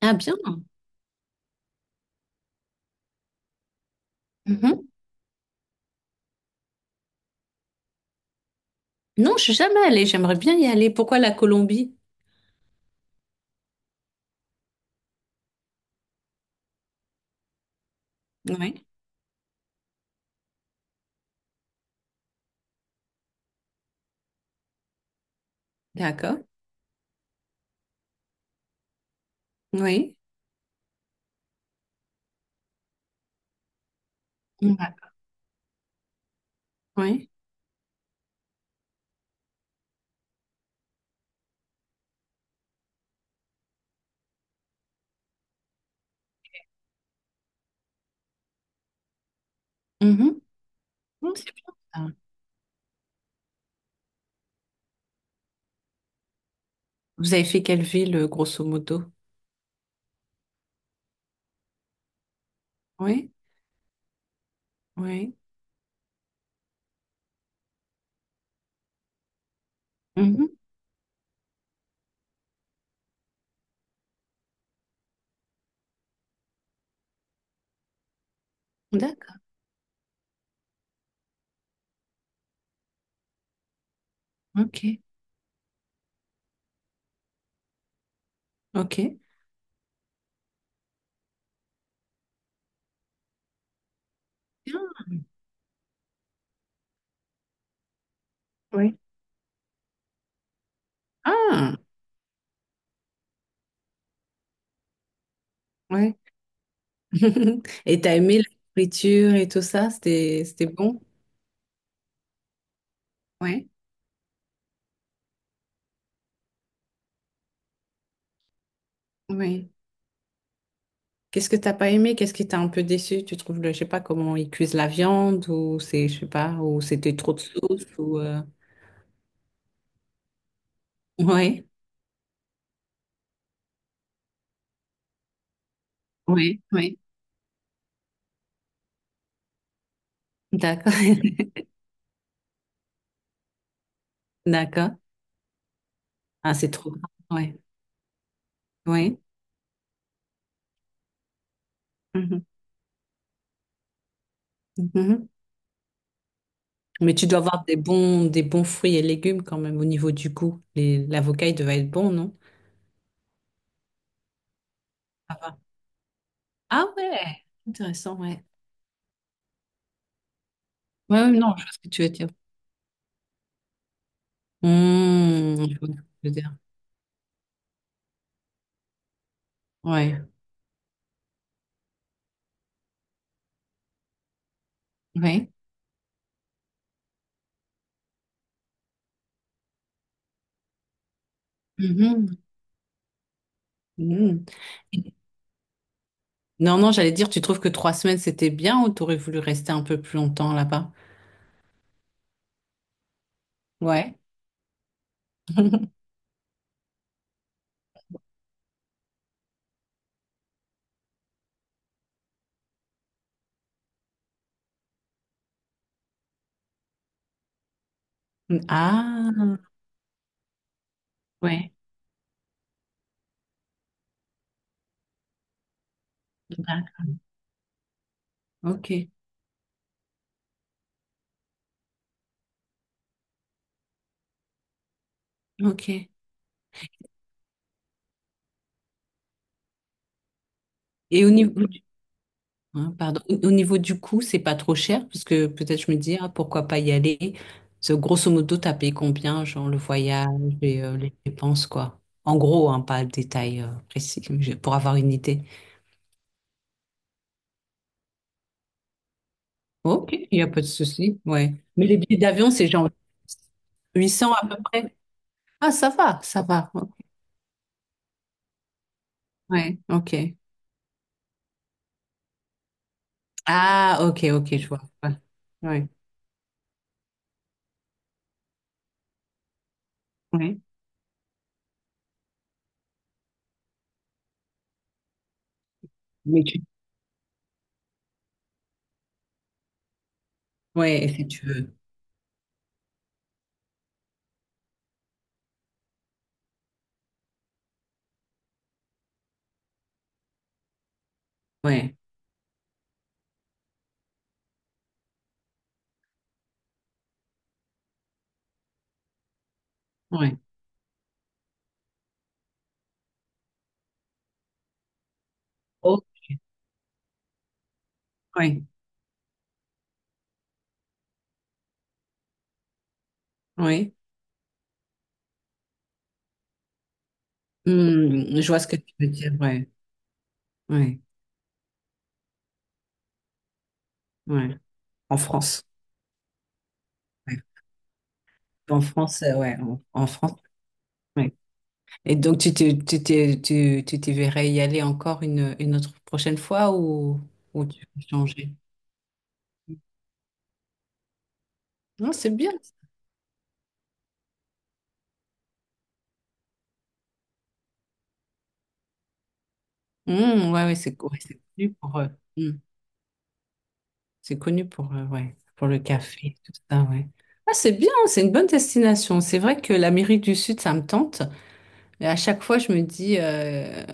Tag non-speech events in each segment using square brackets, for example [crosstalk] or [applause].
Ah bien. Mhm. Non, je suis jamais allée. J'aimerais bien y aller. Pourquoi la Colombie? Oui. D'accord. Oui. Ouais. Oui. Mhm. Non, c'est bien. Ça. Vous avez fait quelle ville, grosso modo? Oui. Oui. Mhm. D'accord. Ok. Ok. Bien. Oui. Ah. Oui. [laughs] Et t'as aimé la nourriture et tout ça? C'était bon? Oui. Oui. Qu'est-ce que t'as pas aimé? Qu'est-ce qui t'a un peu déçu? Tu trouves le, je sais pas comment ils cuisent la viande ou c'est, je sais pas, ou c'était trop de sauce ou... [laughs] Ouais, ouais, ouais. D'accord, [laughs] d'accord. Ah, c'est trop gras. Ouais, ouais. Mhm, mhm. Mais tu dois avoir des bons fruits et légumes quand même au niveau du goût. L'avocat, il devait être bon, non? Ça va. Ah ouais, intéressant, ouais. Ouais, ouais, non, je vois ce que tu veux dire. Mmh, je vois ce que tu veux dire. Ouais, ouais. Mhm, mhm. Non, non, j'allais dire, tu trouves que 3 semaines, c'était bien ou t'aurais voulu rester un peu plus longtemps là-bas? Ouais. [laughs] Ah, ouais. Bah, ok, ok. Et au niveau du, hein, pardon, au niveau du coût, c'est pas trop cher, parce que peut-être je me dis, ah, pourquoi pas y aller? Parce que grosso modo, t'as payé combien, genre le voyage et les dépenses, quoi. En gros, hein, pas de détails précis, mais pour avoir une idée. Ok, il n'y a pas de souci, ouais. Mais les billets d'avion, c'est genre 800 à peu près. Ah, ça va, ça va. Ouais, ok. Ah, ok, ok, je vois. Ouais, ouais. Ouais. Mais tu... Ouais, si tu veux. Ouais, ouais. Oh, ouais, ouais. Hmm, je vois ce que tu veux dire. Ouais, ouais, ouais. En France. Ouais. En France, ouais. En France, ouais. Et donc, tu t'y verrais y aller encore une autre prochaine fois ou tu veux changer? Non, c'est bien. Hmm, ouais, ouais, c'est cool pour eux. C'est connu pour, ouais, pour le café, tout ça, ouais. Ah, c'est bien, c'est une bonne destination. C'est vrai que l'Amérique du Sud, ça me tente, mais à chaque fois, je me dis,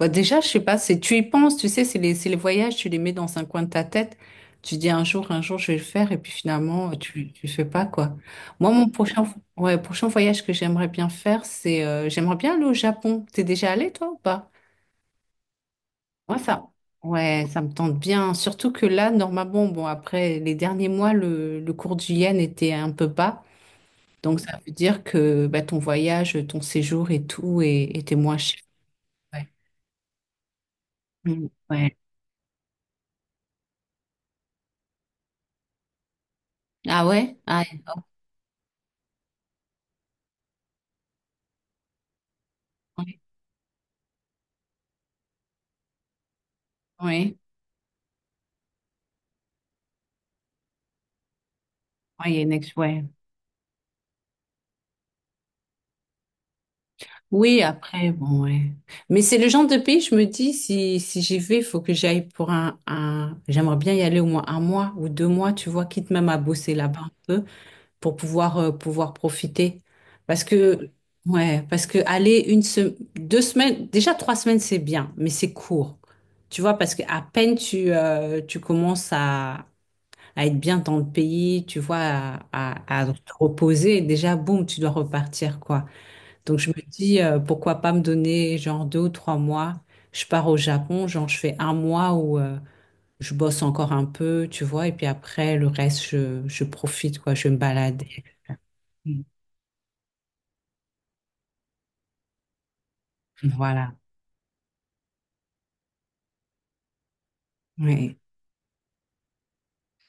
bah, déjà, je sais pas, c'est, tu y penses, tu sais, c'est les voyages, tu les mets dans un coin de ta tête, tu dis un jour, je vais le faire, et puis finalement, tu le fais pas, quoi. Moi, mon prochain, ouais, prochain voyage que j'aimerais bien faire, J'aimerais bien aller au Japon. T'es déjà allé, toi, ou pas? Moi ça, ouais, ça me tente bien. Surtout que là, normalement, bon, après les derniers mois, le cours du yen était un peu bas. Donc, ça veut dire que bah, ton voyage, ton séjour et tout était moins cher. Ouais. Mm, ouais. Ah ouais? Ah, oui, oui. Ouais, il y a une ouais. Oui, après, bon, ouais. Mais c'est le genre de pays, je me dis, si j'y vais, il faut que j'aille pour un... J'aimerais bien y aller au moins un mois ou deux mois, tu vois, quitte même à bosser là-bas. Un peu pour pouvoir profiter. Parce que, ouais, parce que aller une 2 semaines, déjà 3 semaines, c'est bien, mais c'est court. Tu vois, parce qu'à peine tu commences à être bien dans le pays, tu vois, à te reposer, déjà, boum, tu dois repartir, quoi. Donc, je me dis, pourquoi pas me donner genre 2 ou 3 mois. Je pars au Japon, genre, je fais un mois où, je bosse encore un peu, tu vois, et puis après, le reste, je profite, quoi, je vais me balader. Voilà, oui.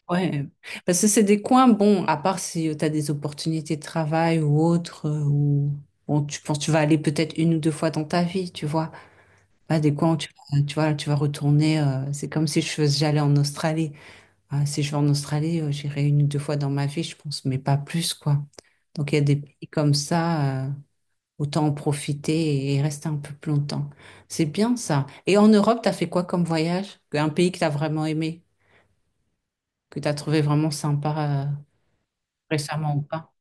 Ouais. Parce que c'est des coins, bon, à part si tu as des opportunités de travail ou autres, ou bon, tu penses tu vas aller peut-être une ou deux fois dans ta vie, tu vois. Pas des coins où tu vois, tu vas retourner. C'est comme si je faisais, j'allais en Australie. Ah, si je vais en Australie, j'irai une ou deux fois dans ma vie, je pense, mais pas plus, quoi. Donc il y a des pays comme ça, autant en profiter et rester un peu plus longtemps. C'est bien ça. Et en Europe, tu as fait quoi comme voyage? Un pays que tu as vraiment aimé? Que tu as trouvé vraiment sympa récemment ou pas?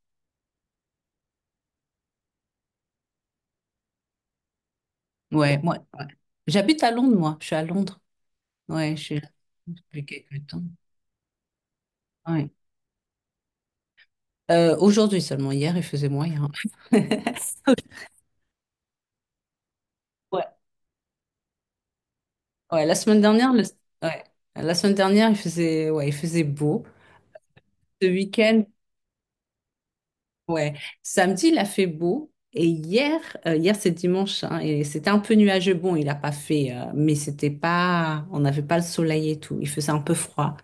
Ouais, moi, ouais. J'habite à Londres, moi. Je suis à Londres. Ouais, je suis là depuis quelques temps. Ouais. Aujourd'hui seulement. Hier, il faisait moyen. [laughs] Ouais, ouais, la semaine dernière, ouais, la semaine dernière, il faisait, ouais, il faisait beau. Ce week-end, ouais, samedi, il a fait beau. Et hier c'est dimanche, hein, et c'était un peu nuageux. Bon, il n'a pas fait, mais c'était pas, on n'avait pas le soleil et tout. Il faisait un peu froid.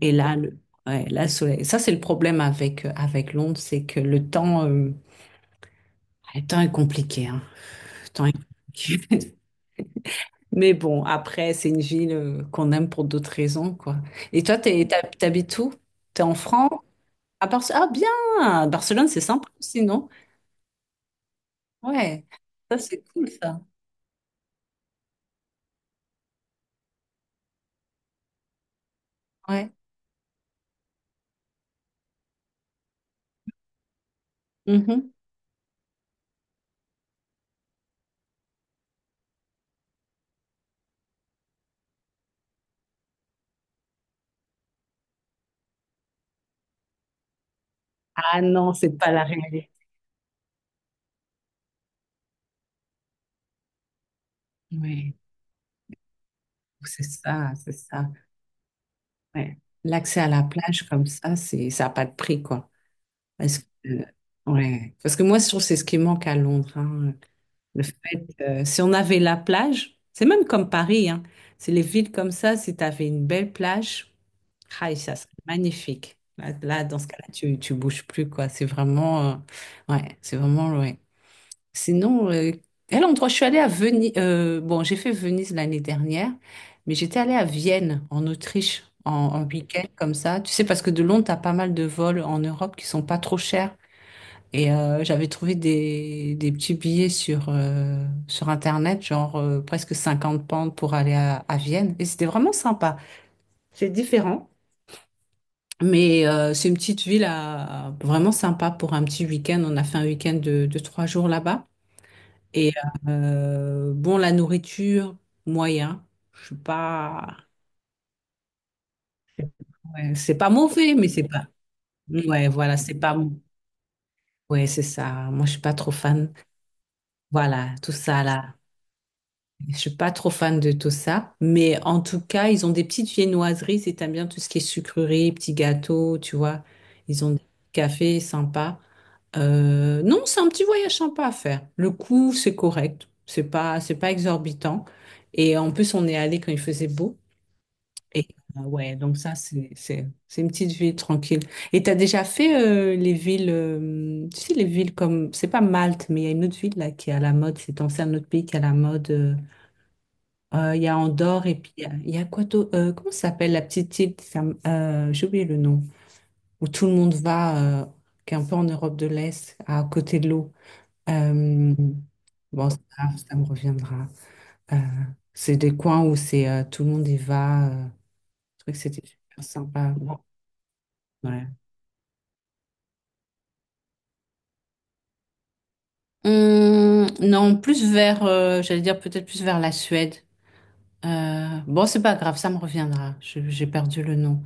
Et là, le, ouais, là, le soleil. Ça, c'est le problème avec Londres, c'est que le temps est compliqué, hein. Le temps est compliqué. [laughs] Mais bon, après, c'est une ville qu'on aime pour d'autres raisons, quoi. Et toi, t'habites où? T'es en France? Ah, bien! Barcelone, c'est sympa aussi, non? Ouais. Ça, c'est cool, ça. Ouais. Mhm. Ah non, c'est pas la réalité. Oui, c'est ça, c'est ça. Ouais. L'accès à la plage comme ça, ça n'a pas de prix, quoi. Est-ce que, ouais. Parce que moi, je trouve que c'est ce qui manque à Londres, hein. Si on avait la plage, c'est même comme Paris, hein. C'est les villes comme ça, si tu avais une belle plage, aïe, ça serait magnifique. Là, dans ce cas-là, tu bouges plus, quoi. C'est vraiment, ouais, c'est vraiment, ouais. Sinon, quel endroit je suis allée à Venise, bon, j'ai fait Venise l'année dernière, mais j'étais allée à Vienne, en Autriche, en week-end, comme ça. Tu sais, parce que de Londres, tu as pas mal de vols en Europe qui sont pas trop chers. Et j'avais trouvé des petits billets sur Internet, genre presque 50 pentes pour aller à Vienne. Et c'était vraiment sympa. C'est différent, mais c'est une petite ville vraiment sympa pour un petit week-end. On a fait un week-end de 3 jours là-bas. Et bon, la nourriture, moyen. Je suis pas... ouais, c'est pas mauvais, mais c'est pas... Ouais, voilà, c'est pas... Ouais, c'est ça. Moi, je suis pas trop fan. Voilà, tout ça là. Je suis pas trop fan de tout ça, mais en tout cas, ils ont des petites viennoiseries si t'aimes bien tout ce qui est sucreries, petits gâteaux, tu vois. Ils ont des cafés sympas. Non, c'est un petit voyage sympa à faire. Le coût, c'est correct. C'est pas exorbitant. Et en plus, on est allé quand il faisait beau. Et ouais, donc ça, c'est une petite ville tranquille. Et t'as déjà fait les villes, tu sais, les villes comme, c'est pas Malte, mais il y a une autre ville là qui est à la mode. C'est dans un autre pays qui est à la mode. Il y a Andorre et puis il y a quoi d'autre. Comment ça s'appelle la petite île? J'ai oublié le nom. Où tout le monde va, qui est un peu en Europe de l'Est, à côté de l'eau. Euh, bon, ça, ça me reviendra. Euh, c'est des coins où c'est tout le monde y va. Je trouvais que c'était super sympa. Bon, ouais. Non, plus vers, j'allais dire peut-être plus vers la Suède. Bon, c'est pas grave, ça me reviendra. J'ai perdu le nom.